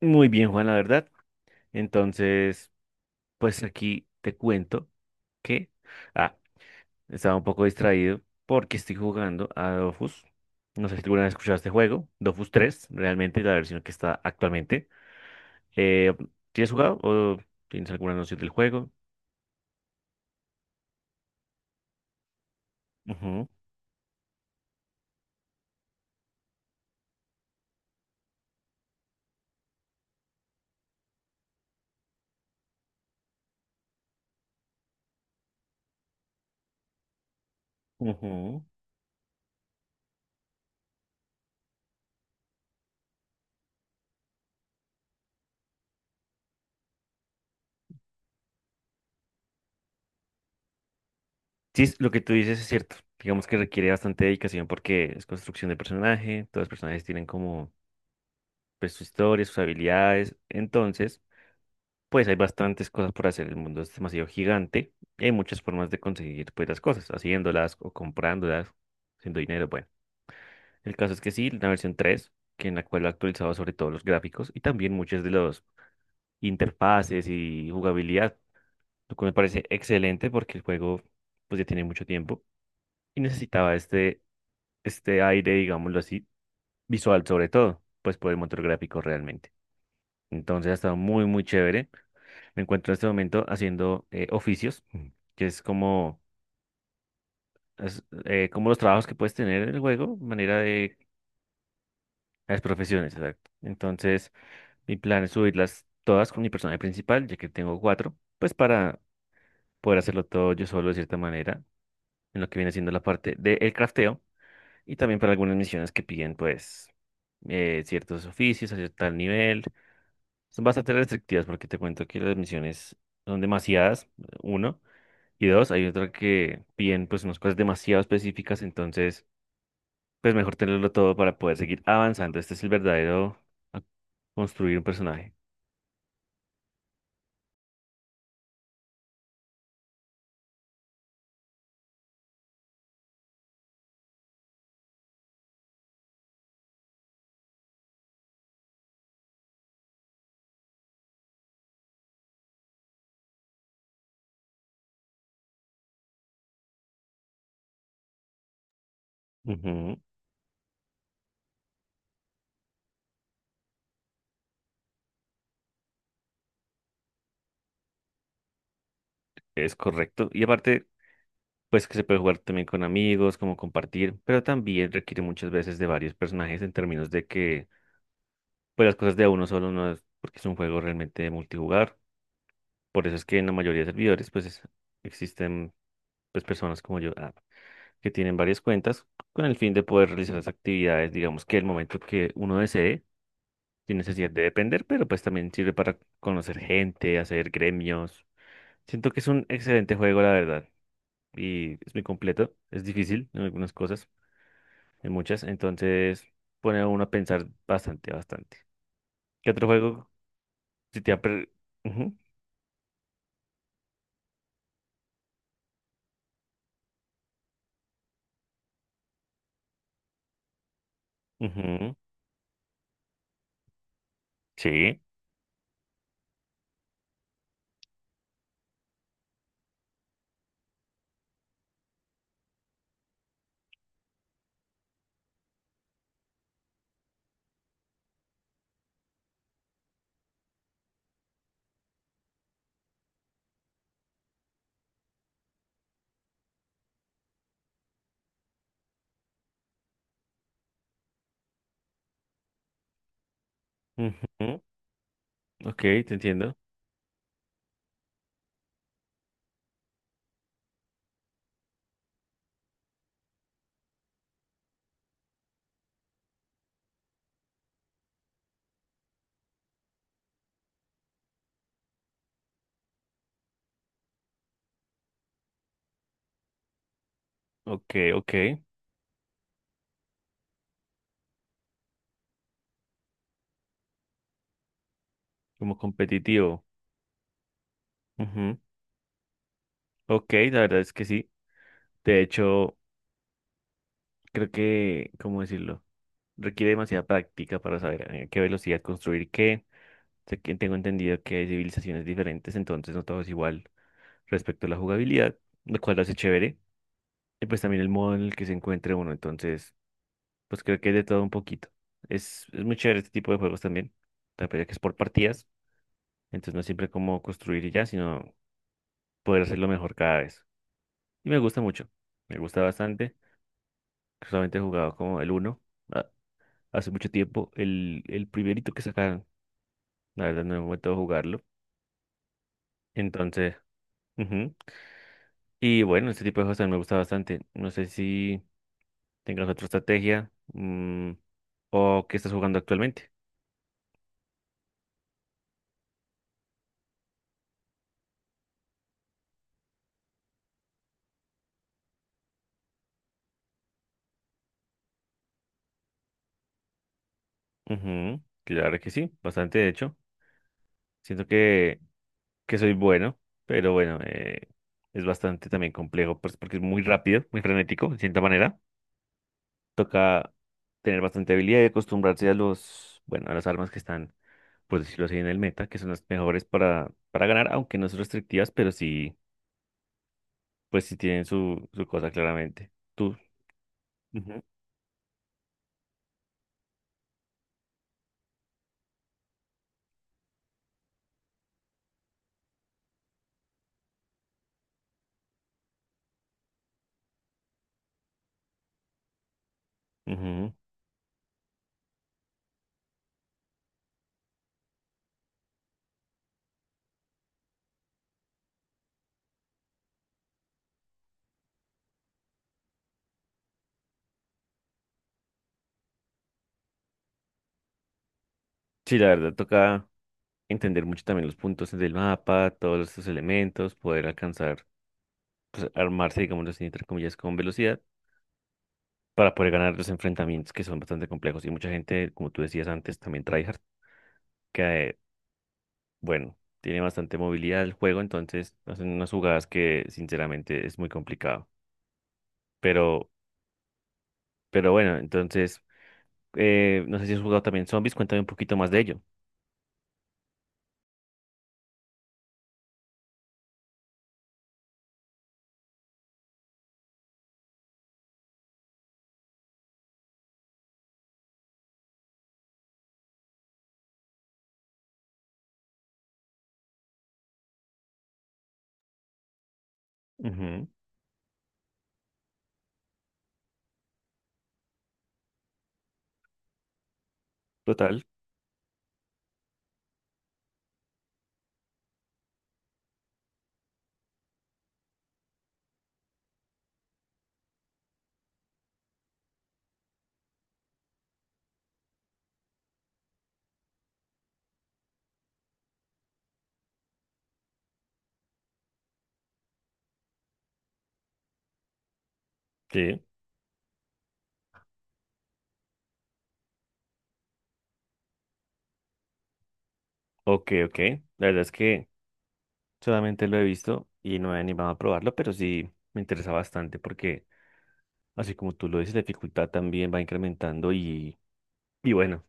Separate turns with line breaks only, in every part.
Muy bien, Juan, la verdad. Entonces, pues aquí te cuento que, ah, estaba un poco distraído porque estoy jugando a Dofus. No sé si alguna vez escuchaste este juego, Dofus tres realmente la versión que está actualmente. Eh, ¿Tienes jugado o tienes alguna noción del juego? Ujú, ujú. Sí, lo que tú dices es cierto. Digamos que requiere bastante dedicación porque es construcción de personaje, todos los personajes tienen como pues, su historia, sus habilidades. Entonces, pues hay bastantes cosas por hacer. El mundo es demasiado gigante y hay muchas formas de conseguir pues las cosas, haciéndolas o comprándolas, haciendo dinero. Bueno, el caso es que sí, la versión 3, que en la cual ha actualizado sobre todo los gráficos y también muchas de los interfaces y jugabilidad, lo cual me parece excelente porque el juego pues ya tiene mucho tiempo y necesitaba este aire, digámoslo así, visual sobre todo, pues por el motor gráfico realmente. Entonces ha estado muy, muy chévere. Me encuentro en este momento haciendo oficios. Mm, que es como, como los trabajos que puedes tener en el juego, manera de las profesiones, exacto. Entonces, mi plan es subirlas todas con mi personaje principal, ya que tengo cuatro, pues para poder hacerlo todo yo solo de cierta manera, en lo que viene siendo la parte del crafteo, y también para algunas misiones que piden, pues, ciertos oficios a cierto nivel. Son bastante restrictivas porque te cuento que las misiones son demasiadas, uno. Y dos, hay otra que piden pues unas cosas demasiado específicas, entonces pues mejor tenerlo todo para poder seguir avanzando. Este es el verdadero a- construir un personaje. Ujú, es correcto. Y aparte, pues que se puede jugar también con amigos, como compartir, pero también requiere muchas veces de varios personajes en términos de que pues las cosas de a uno solo no es porque es un juego realmente multijugador. Por eso es que en la mayoría de servidores existen pues personas como yo. Ah, que tienen varias cuentas con el fin de poder realizar las actividades, digamos que el momento que uno desee, sin necesidad de depender, pero pues también sirve para conocer gente, hacer gremios. Siento que es un excelente juego, la verdad, y es muy completo, es difícil en algunas cosas, en muchas, entonces pone a uno a pensar bastante, bastante. ¿Qué otro juego? Si te ha ujú, ujú, sí, ujú. Ok, te entiendo. Ok, ok. Como competitivo. Ujú, ok, la verdad es que sí. De hecho, creo que, ¿cómo decirlo? Requiere demasiada práctica para saber a qué velocidad construir qué. Sé que tengo entendido que hay civilizaciones diferentes, entonces no todo es igual respecto a la jugabilidad, lo cual lo hace chévere. Y pues también el modo en el que se encuentre uno, entonces, pues creo que es de todo un poquito. Es muy chévere este tipo de juegos también, también ya que es por partidas, entonces no es siempre como construir y ya, sino poder hacerlo mejor cada vez. Y me gusta mucho, me gusta bastante, solamente he jugado como el uno ah, hace mucho tiempo, el primerito que sacaron. La verdad, no he vuelto a jugarlo. Entonces, ujú. Y bueno, este tipo de cosas me gusta bastante. No sé si tengas otra estrategia, mm, o qué estás jugando actualmente. Ujú, claro que sí, bastante de hecho. Siento que soy bueno, pero bueno, es bastante también complejo pues, porque es muy rápido, muy frenético, de cierta manera. Toca tener bastante habilidad y acostumbrarse a los, bueno, a las armas que están por decirlo así, en el meta, que son las mejores para ganar, aunque no son restrictivas, pero sí, pues sí tienen su cosa claramente. Tú. Ujú, ujú. Sí, la verdad, toca entender mucho también los puntos del mapa, todos estos elementos, poder alcanzar, pues, armarse, digamos así, entre comillas, con velocidad, para poder ganar los enfrentamientos que son bastante complejos. Y mucha gente, como tú decías antes, también tryhard, que, bueno, tiene bastante movilidad el juego, entonces hacen unas jugadas que, sinceramente, es muy complicado. Pero Pero bueno, entonces, no sé si has jugado también zombies, cuéntame un poquito más de ello. Ujú, total, sí. Ok, ok. La verdad es que solamente lo he visto y no me he animado a probarlo, pero sí me interesa bastante porque, así como tú lo dices, la dificultad también va incrementando y bueno,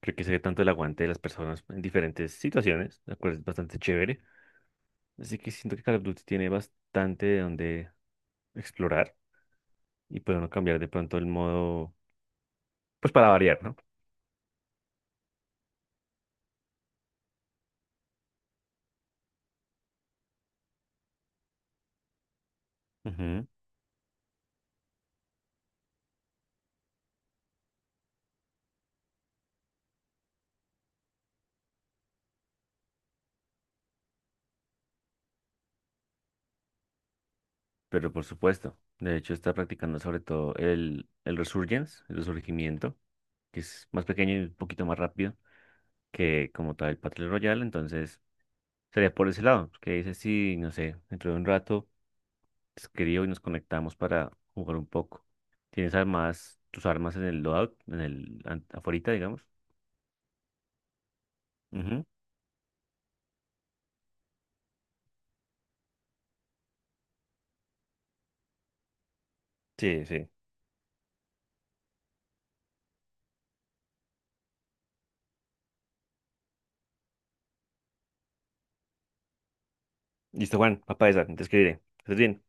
creo que se ve tanto el aguante de las personas en diferentes situaciones, la cual es bastante chévere. Así que siento que Call of Duty tiene bastante de donde explorar y puede uno cambiar de pronto el modo, pues para variar, ¿no? Pero por supuesto, de hecho está practicando sobre todo el resurgence, el resurgimiento, que es más pequeño y un poquito más rápido que como tal el Battle Royale, entonces sería por ese lado, que dice si, no sé, dentro de un rato te escribo y nos conectamos para jugar un poco. ¿Tienes armas, tus armas en el loadout, en el aforita, digamos? Ujú. Sí, sí. Listo, Juan, papá esa, te escribiré. ¿Estás bien?